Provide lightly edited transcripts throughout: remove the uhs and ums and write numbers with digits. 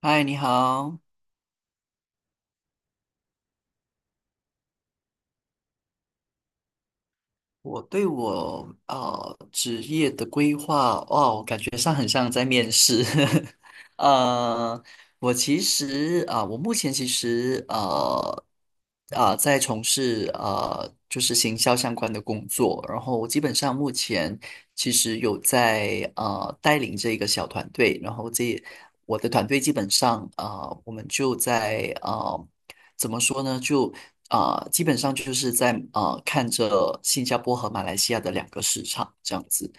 嗨，你好。我对我职业的规划，哦，感觉上很像在面试。呃，我其实我目前其实在从事就是行销相关的工作，然后我基本上目前其实有在带领这一个小团队，然后我的团队基本上我们就在呃怎么说呢？就啊、基本上就是在看着新加坡和马来西亚的两个市场这样子。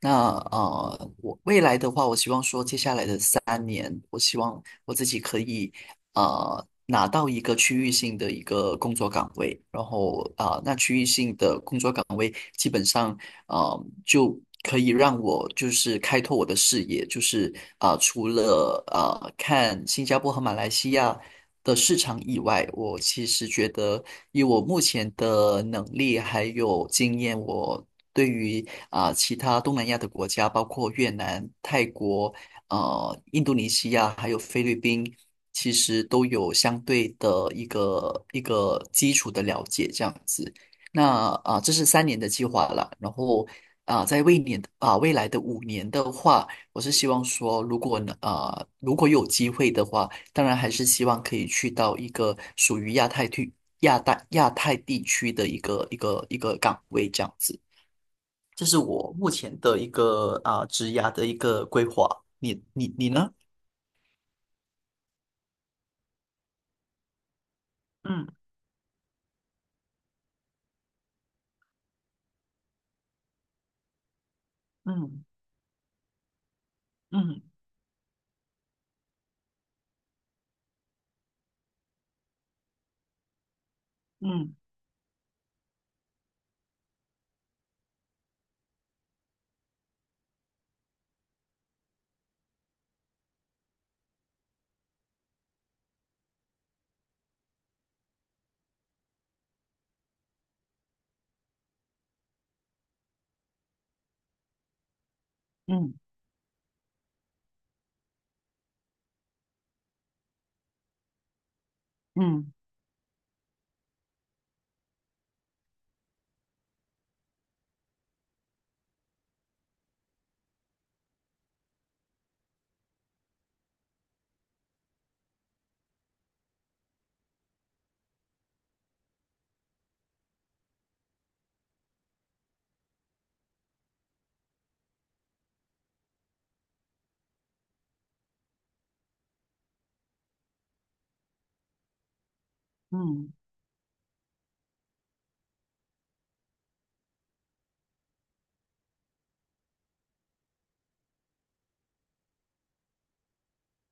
那我未来的话，我希望说接下来的三年，我希望我自己可以拿到一个区域性的一个工作岗位，然后那区域性的工作岗位基本上啊就可以让我就是开拓我的视野，就是除了看新加坡和马来西亚的市场以外，我其实觉得以我目前的能力还有经验，我对于其他东南亚的国家，包括越南、泰国、印度尼西亚还有菲律宾，其实都有相对的一个基础的了解，这样子。那这是三年的计划了。然后啊、在未年啊、未来的五年的话，我是希望说，如果如果有机会的话，当然还是希望可以去到一个属于亚太地区的一个岗位这样子。这是我目前的一个职涯的一个规划。你呢？嗯嗯嗯嗯嗯嗯嗯。嗯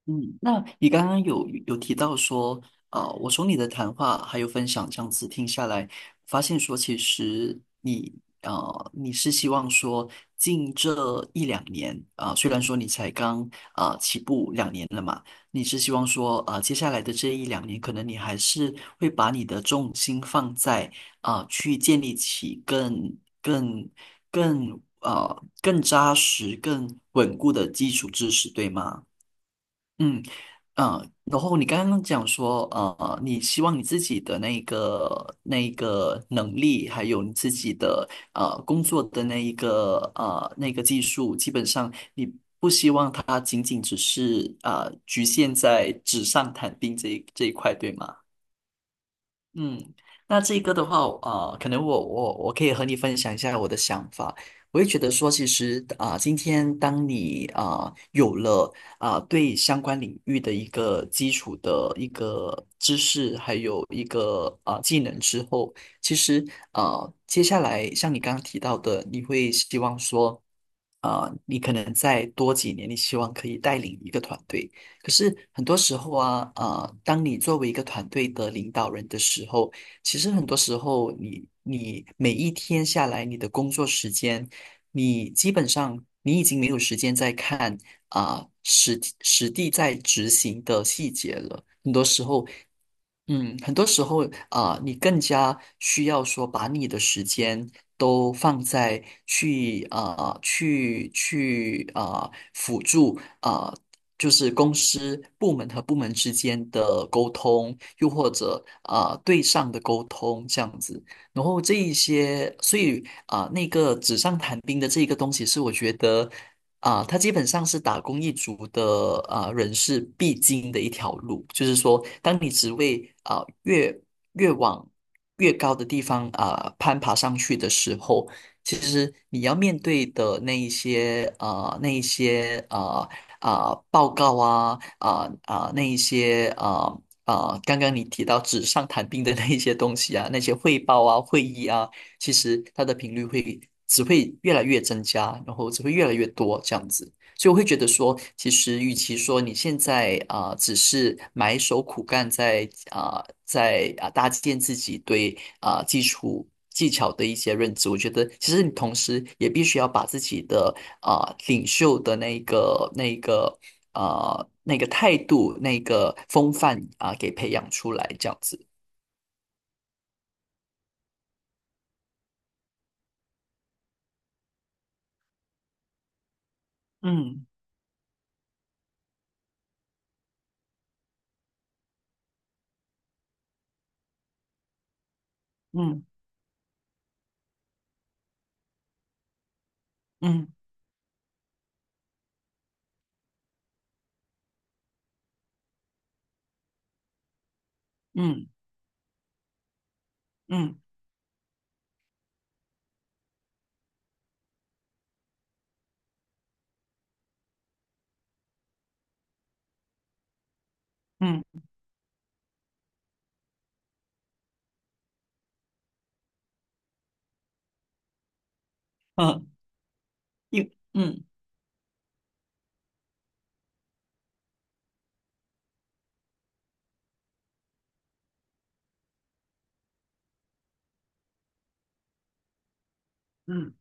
嗯，那你刚刚有提到说，我从你的谈话还有分享这样子听下来，发现说其实你你是希望说近这一两年虽然说你才刚起步两年了嘛，你是希望说接下来的这一两年，可能你还是会把你的重心放在去建立起更扎实、更稳固的基础知识，对吗？嗯，然后你刚刚讲说，你希望你自己的那个那一个能力，还有你自己的工作的那一个那个技术，基本上你不希望它仅仅只是局限在纸上谈兵这一块，对吗？嗯，那这个的话，可能我可以和你分享一下我的想法。我也觉得说，其实今天当你有了对相关领域的一个基础的一个知识，还有一个技能之后，其实接下来像你刚刚提到的，你会希望说，你可能再多几年，你希望可以带领一个团队。可是很多时候当你作为一个团队的领导人的时候，其实很多时候你每一天下来，你的工作时间，你基本上你已经没有时间再看实实地在执行的细节了。很多时候，嗯，很多时候你更加需要说把你的时间都放在去辅助就是公司部门和部门之间的沟通，又或者对上的沟通这样子。然后这一些，所以那个纸上谈兵的这一个东西是我觉得。它基本上是打工一族的人士必经的一条路，就是说，当你职位越往越高的地方攀爬上去的时候，其实你要面对的那一些啊那一些啊啊报告啊啊啊那一些啊啊刚刚你提到纸上谈兵的那一些东西啊，那些汇报啊会议啊。其实它的频率只会越来越增加，然后只会越来越多这样子。所以我会觉得说，其实与其说你现在只是埋首苦干在，搭建自己对基础技巧的一些认知，我觉得其实你同时也必须要把自己的领袖的那个态度那个风范给培养出来，这样子。嗯嗯嗯嗯嗯嗯。嗯，因嗯嗯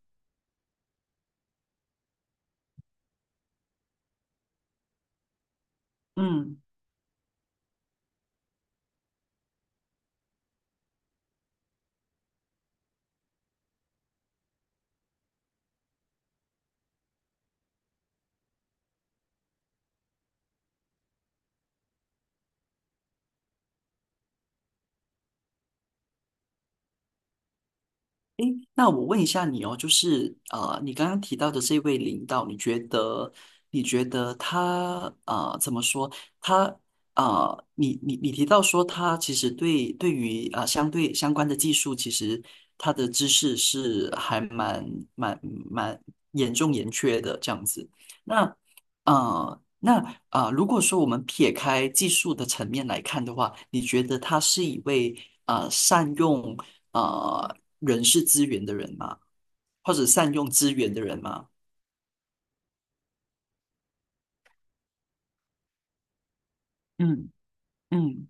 嗯，诶，那我问一下你哦，就是你刚刚提到的这位领导，你觉得他怎么说？他你你你提到说他其实对于相关的技术，其实他的知识是还蛮蛮严缺的这样子。那啊，那啊、如果说我们撇开技术的层面来看的话，你觉得他是一位善用？人事资源的人嘛，或者善用资源的人嘛。嗯，嗯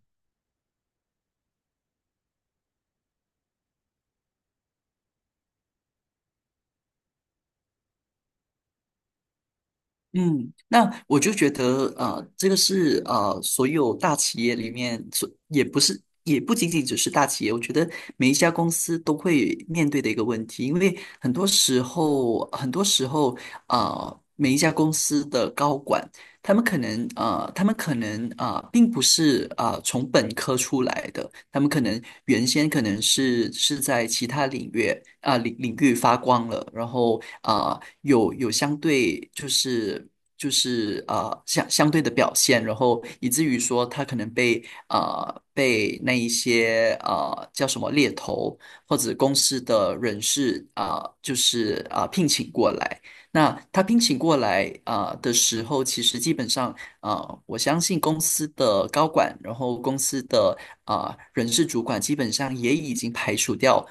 嗯，那我就觉得，这个是所有大企业里面，所也不是，也不仅仅只是大企业，我觉得每一家公司都会面对的一个问题，因为很多时候，很多时候，每一家公司的高管他们可能并不是从本科出来的，他们可能原先可能是在其他领域领域发光了，然后啊、有有相对就是相对的表现，然后以至于说他可能被啊、被那一些叫什么猎头或者公司的人士聘请过来。那他聘请过来的时候，其实基本上我相信公司的高管，然后公司的人事主管，基本上也已经排除掉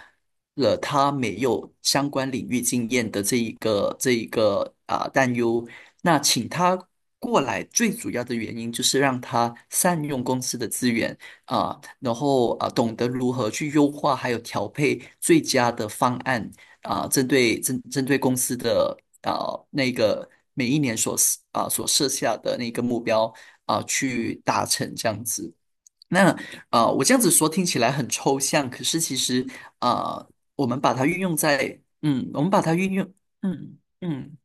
了他没有相关领域经验的这一个担忧。那请他过来，最主要的原因就是让他善用公司的资源然后懂得如何去优化，还有调配最佳的方案。针对公司的啊、那个每一年所所设下的那个目标去达成这样子。那我这样子说听起来很抽象，可是其实啊、我们把它运用在嗯，我们把它运用嗯嗯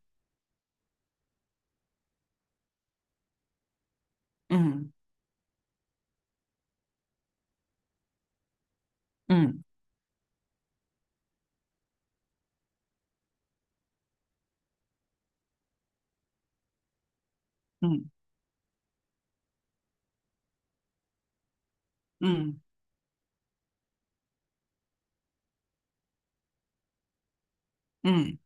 嗯嗯嗯嗯嗯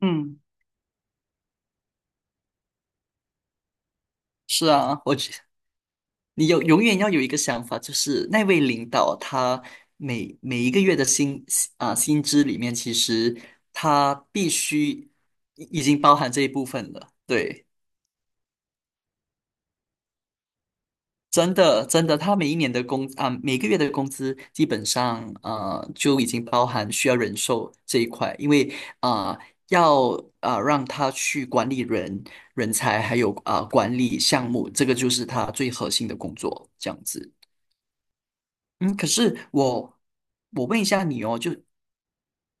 嗯。是啊，我你有永远要有一个想法，就是那位领导他每一个月的薪资里面，其实他必须已经包含这一部分了。对，真的真的，他每个月的工资基本上就已经包含需要人寿这一块，因为啊、呃要啊、呃让他去管理人才还有管理项目，这个就是他最核心的工作，这样子。嗯，可是我我问一下你哦，就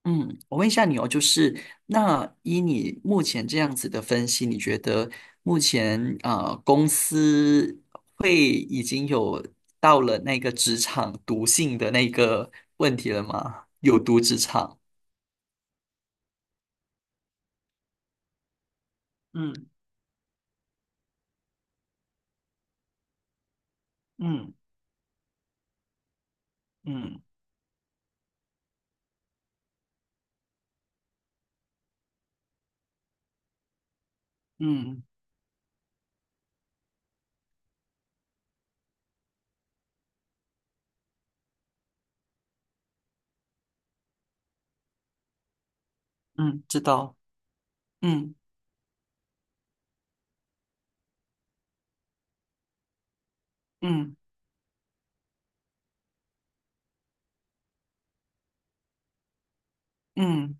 嗯，我问一下你哦，就是那依你目前这样子的分析，你觉得目前公司已经有到了那个职场毒性的那个问题了吗？有毒职场？嗯嗯嗯嗯嗯，知道。嗯嗯嗯。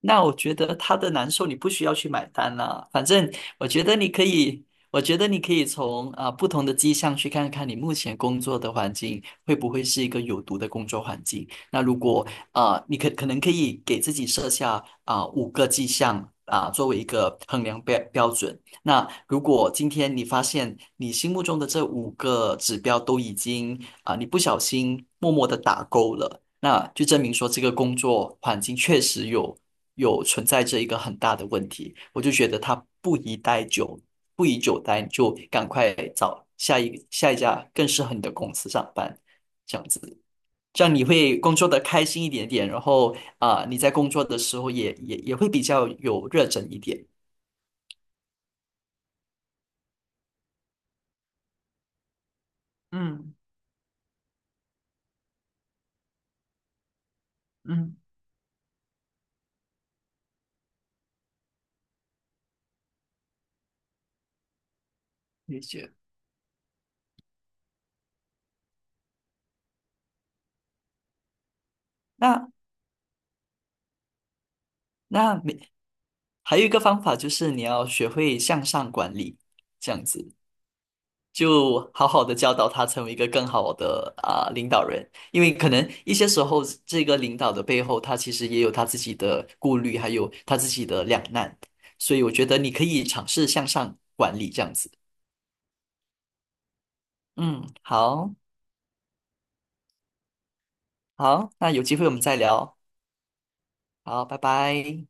那我觉得他的难受你不需要去买单啦，反正我觉得你可以，我觉得你可以从不同的迹象去看看你目前工作的环境会不会是一个有毒的工作环境。那如果你可能可以给自己设下五个迹象作为一个衡量标准。那如果今天你发现你心目中的这五个指标都已经你不小心默默的打勾了。那就证明说这个工作环境确实有存在着一个很大的问题，我就觉得它不宜待久，不宜久待，你就赶快找下一家更适合你的公司上班，这样子，这样你会工作的开心一点点，然后你在工作的时候也会比较有热忱一点。嗯，嗯，理解。那那没还有一个方法就是你要学会向上管理，这样子。就好好的教导他成为一个更好的领导人，因为可能一些时候这个领导的背后，他其实也有他自己的顾虑，还有他自己的两难，所以我觉得你可以尝试向上管理这样子。嗯，好，好，那有机会我们再聊。好，拜拜。